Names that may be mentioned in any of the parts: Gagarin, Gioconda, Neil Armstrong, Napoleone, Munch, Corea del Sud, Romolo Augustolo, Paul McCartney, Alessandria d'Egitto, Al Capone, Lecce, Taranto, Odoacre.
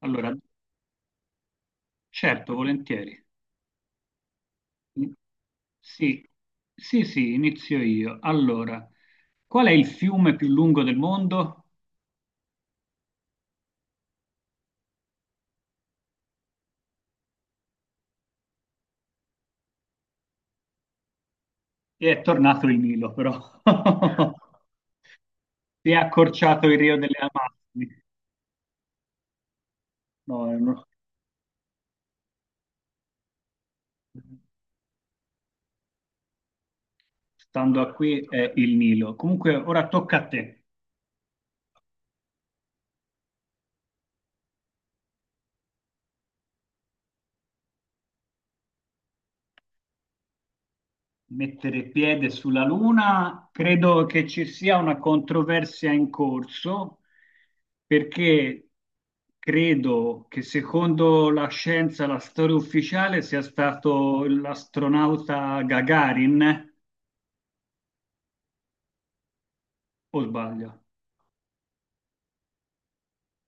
Allora, certo, volentieri. Mm. Sì, sì, sì, inizio io. Allora, qual è il fiume più lungo del mondo? E è tornato il Nilo, però. Si è accorciato il Rio delle Amazzoni. No, stando a qui è il Nilo. Comunque, ora tocca a te. Mettere piede sulla Luna, credo che ci sia una controversia in corso perché credo che secondo la scienza, la storia ufficiale sia stato l'astronauta Gagarin, o sbaglio?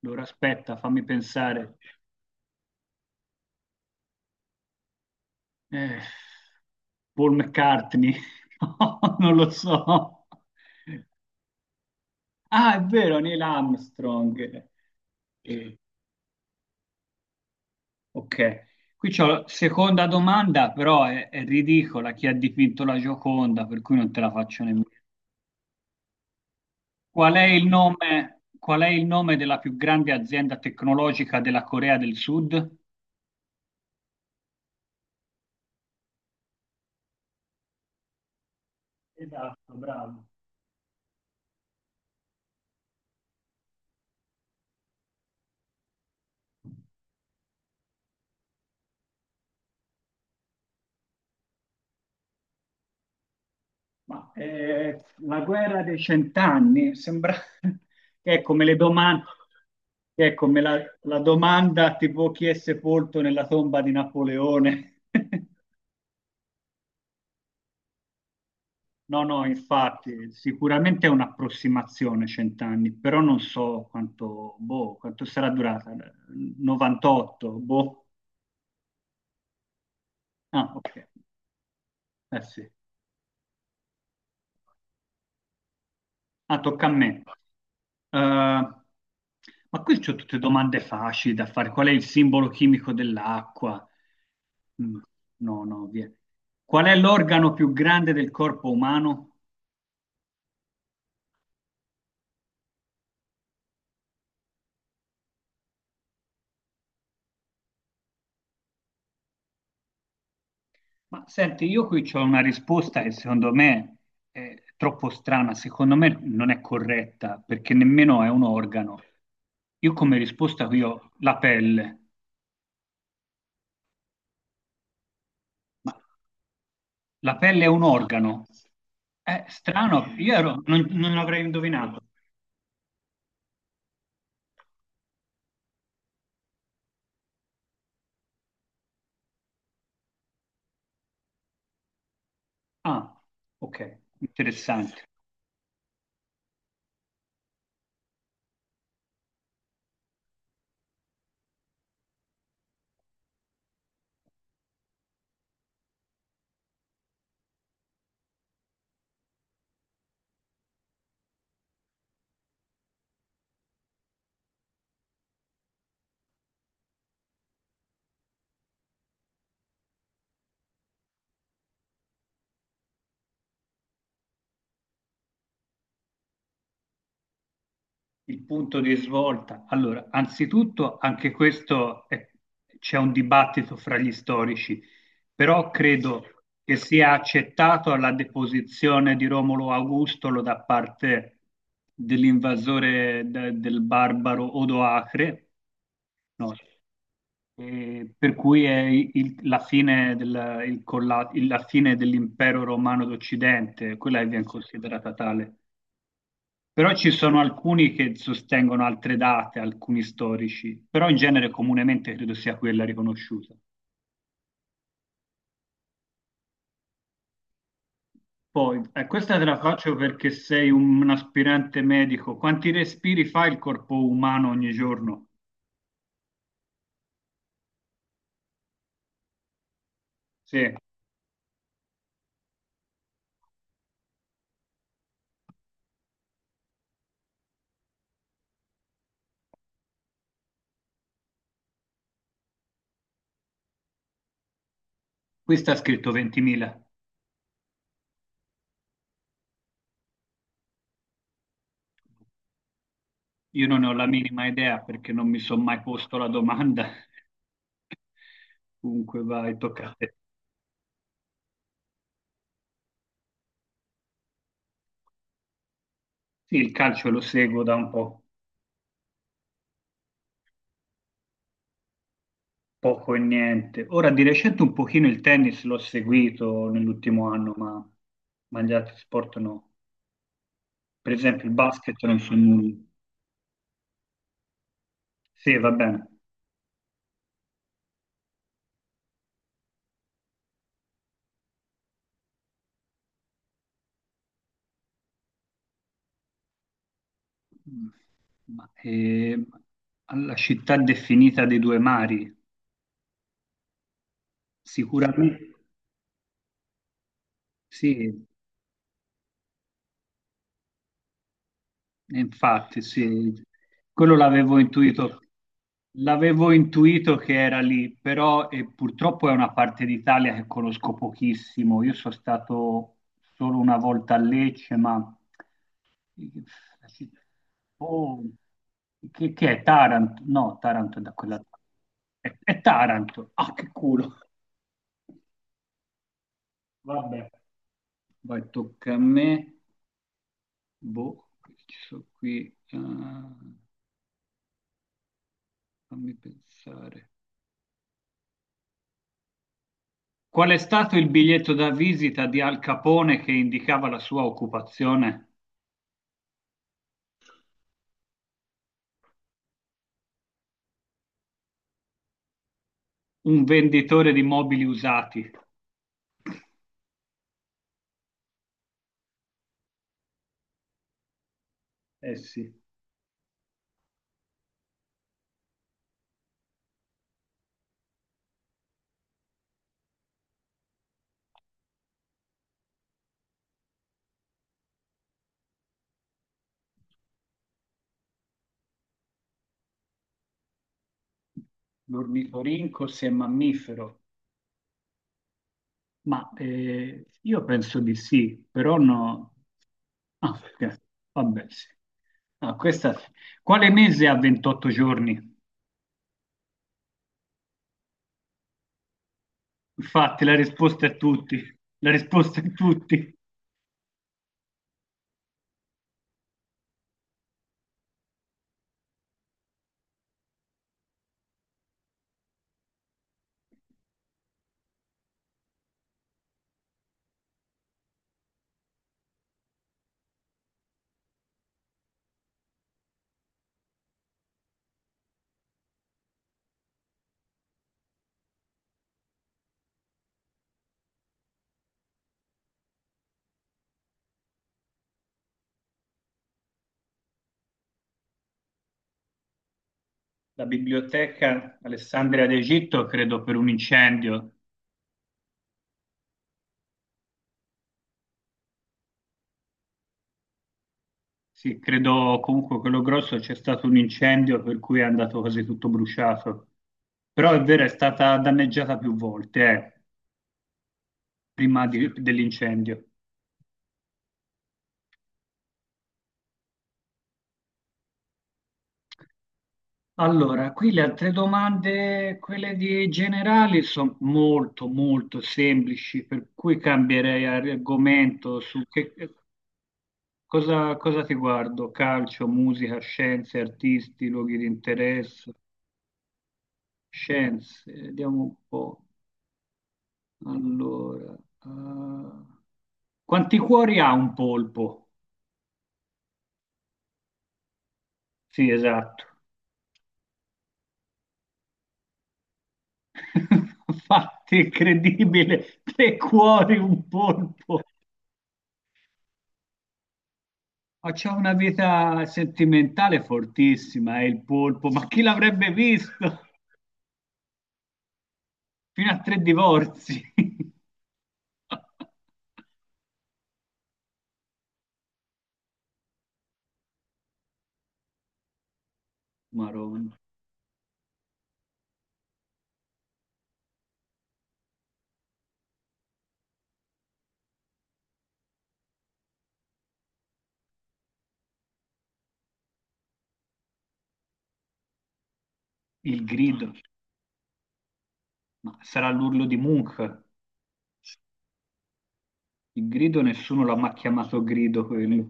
Allora aspetta, fammi pensare. Eh, Paul McCartney. No, non lo so. Ah, è vero, Neil Armstrong. Eh, Ok, qui c'ho la seconda domanda, però è ridicola, chi ha dipinto la Gioconda, per cui non te la faccio nemmeno. Qual è il nome della più grande azienda tecnologica della Corea del Sud? Esatto, bravo. Ma la guerra dei cent'anni sembra che è come le domande, che è come la domanda tipo chi è sepolto nella tomba di Napoleone. No, no, infatti, sicuramente è un'approssimazione cent'anni, però non so quanto, boh, quanto sarà durata. 98, boh. Ah, ok. Eh sì. Ah, tocca a me. Eh, ma qui c'ho tutte domande facili da fare. Qual è il simbolo chimico dell'acqua? Mm, no, no, via. Qual è l'organo più grande del corpo umano? Ma senti, io qui c'ho una risposta che secondo me è troppo strana, secondo me non è corretta perché nemmeno è un organo. Io come risposta qui ho la pelle, ma la pelle è un organo? È strano, io ero- non, non l'avrei indovinato. Ah, ok, interessante. Il punto di svolta. Allora, anzitutto anche c'è un dibattito fra gli storici, però credo che sia accettato la deposizione di Romolo Augustolo da parte dell'invasore del barbaro Odoacre, no, per cui è il- la fine del- il colla- il- la fine dell'impero romano d'Occidente, quella che viene considerata tale. Però ci sono alcuni che sostengono altre date, alcuni storici, però in genere comunemente credo sia quella riconosciuta. Poi, questa te la faccio perché sei un aspirante medico. Quanti respiri fa il corpo umano ogni giorno? Sì, qui sta scritto 20.000. Io non ne ho la minima idea perché non mi sono mai posto la domanda. Comunque vai, tocca a te. Sì, il calcio lo seguo da un po'. Poco e niente. Ora di recente un pochino il tennis l'ho seguito nell'ultimo anno, ma gli altri sport no. Per esempio il basket non so nulla. Sì, va bene. Ma, alla città definita dei due mari, sicuramente sì. Infatti, sì, quello l'avevo intuito. L'avevo intuito che era lì, però e purtroppo è una parte d'Italia che conosco pochissimo. Io sono stato solo una volta a Lecce, ma oh, che è Taranto? No, Taranto è da quella parte. È Taranto. Ah, che culo. Vabbè, vai, tocca a me. Boh, che ci sono qui. Ah, fammi pensare. Qual è stato il biglietto da visita di Al Capone che indicava la sua occupazione? Un venditore di mobili usati. Eh sì, l'ornitorinco se è mammifero. Ma io penso di sì, però no. Ah, vabbè, sì. Ah, questa sì. Quale mese ha 28 giorni? Infatti, la risposta è tutti. La risposta è tutti. La biblioteca Alessandria d'Egitto, credo, per un incendio. Sì, credo comunque quello grosso c'è stato un incendio per cui è andato quasi tutto bruciato. Però è vero, è stata danneggiata più volte, prima dell'incendio. Allora, qui le altre domande, quelle di generali, sono molto, molto semplici, per cui cambierei argomento su che, cosa ti guardo? Calcio, musica, scienze, artisti, luoghi di interesse, scienze, vediamo un po'. Allora, ah, quanti cuori ha un polpo? Sì, esatto. Fatti incredibile, tre cuori, un polpo. Ma c'ha una vita sentimentale fortissima, è il polpo. Ma chi l'avrebbe visto? Fino a tre divorzi. Maronna. Il grido. Ma sarà l'urlo di Munch. Il grido, nessuno l'ha mai chiamato grido quello.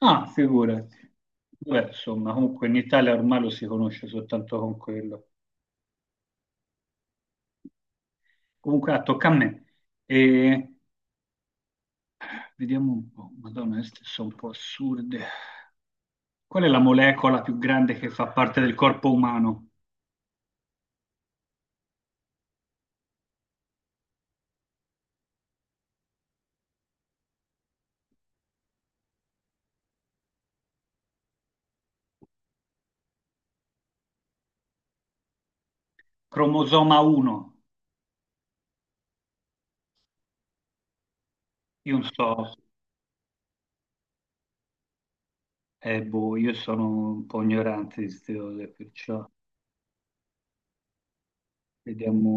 Ah, figurati. Beh, insomma, comunque in Italia ormai lo si conosce soltanto con quello. Comunque, ah, tocca a me. E vediamo un po'. Madonna, queste sono un po' assurde. Qual è la molecola più grande che fa parte del corpo umano? Cromosoma 1. Io non so, boh, io sono un po' ignorante di queste cose, perciò vediamo.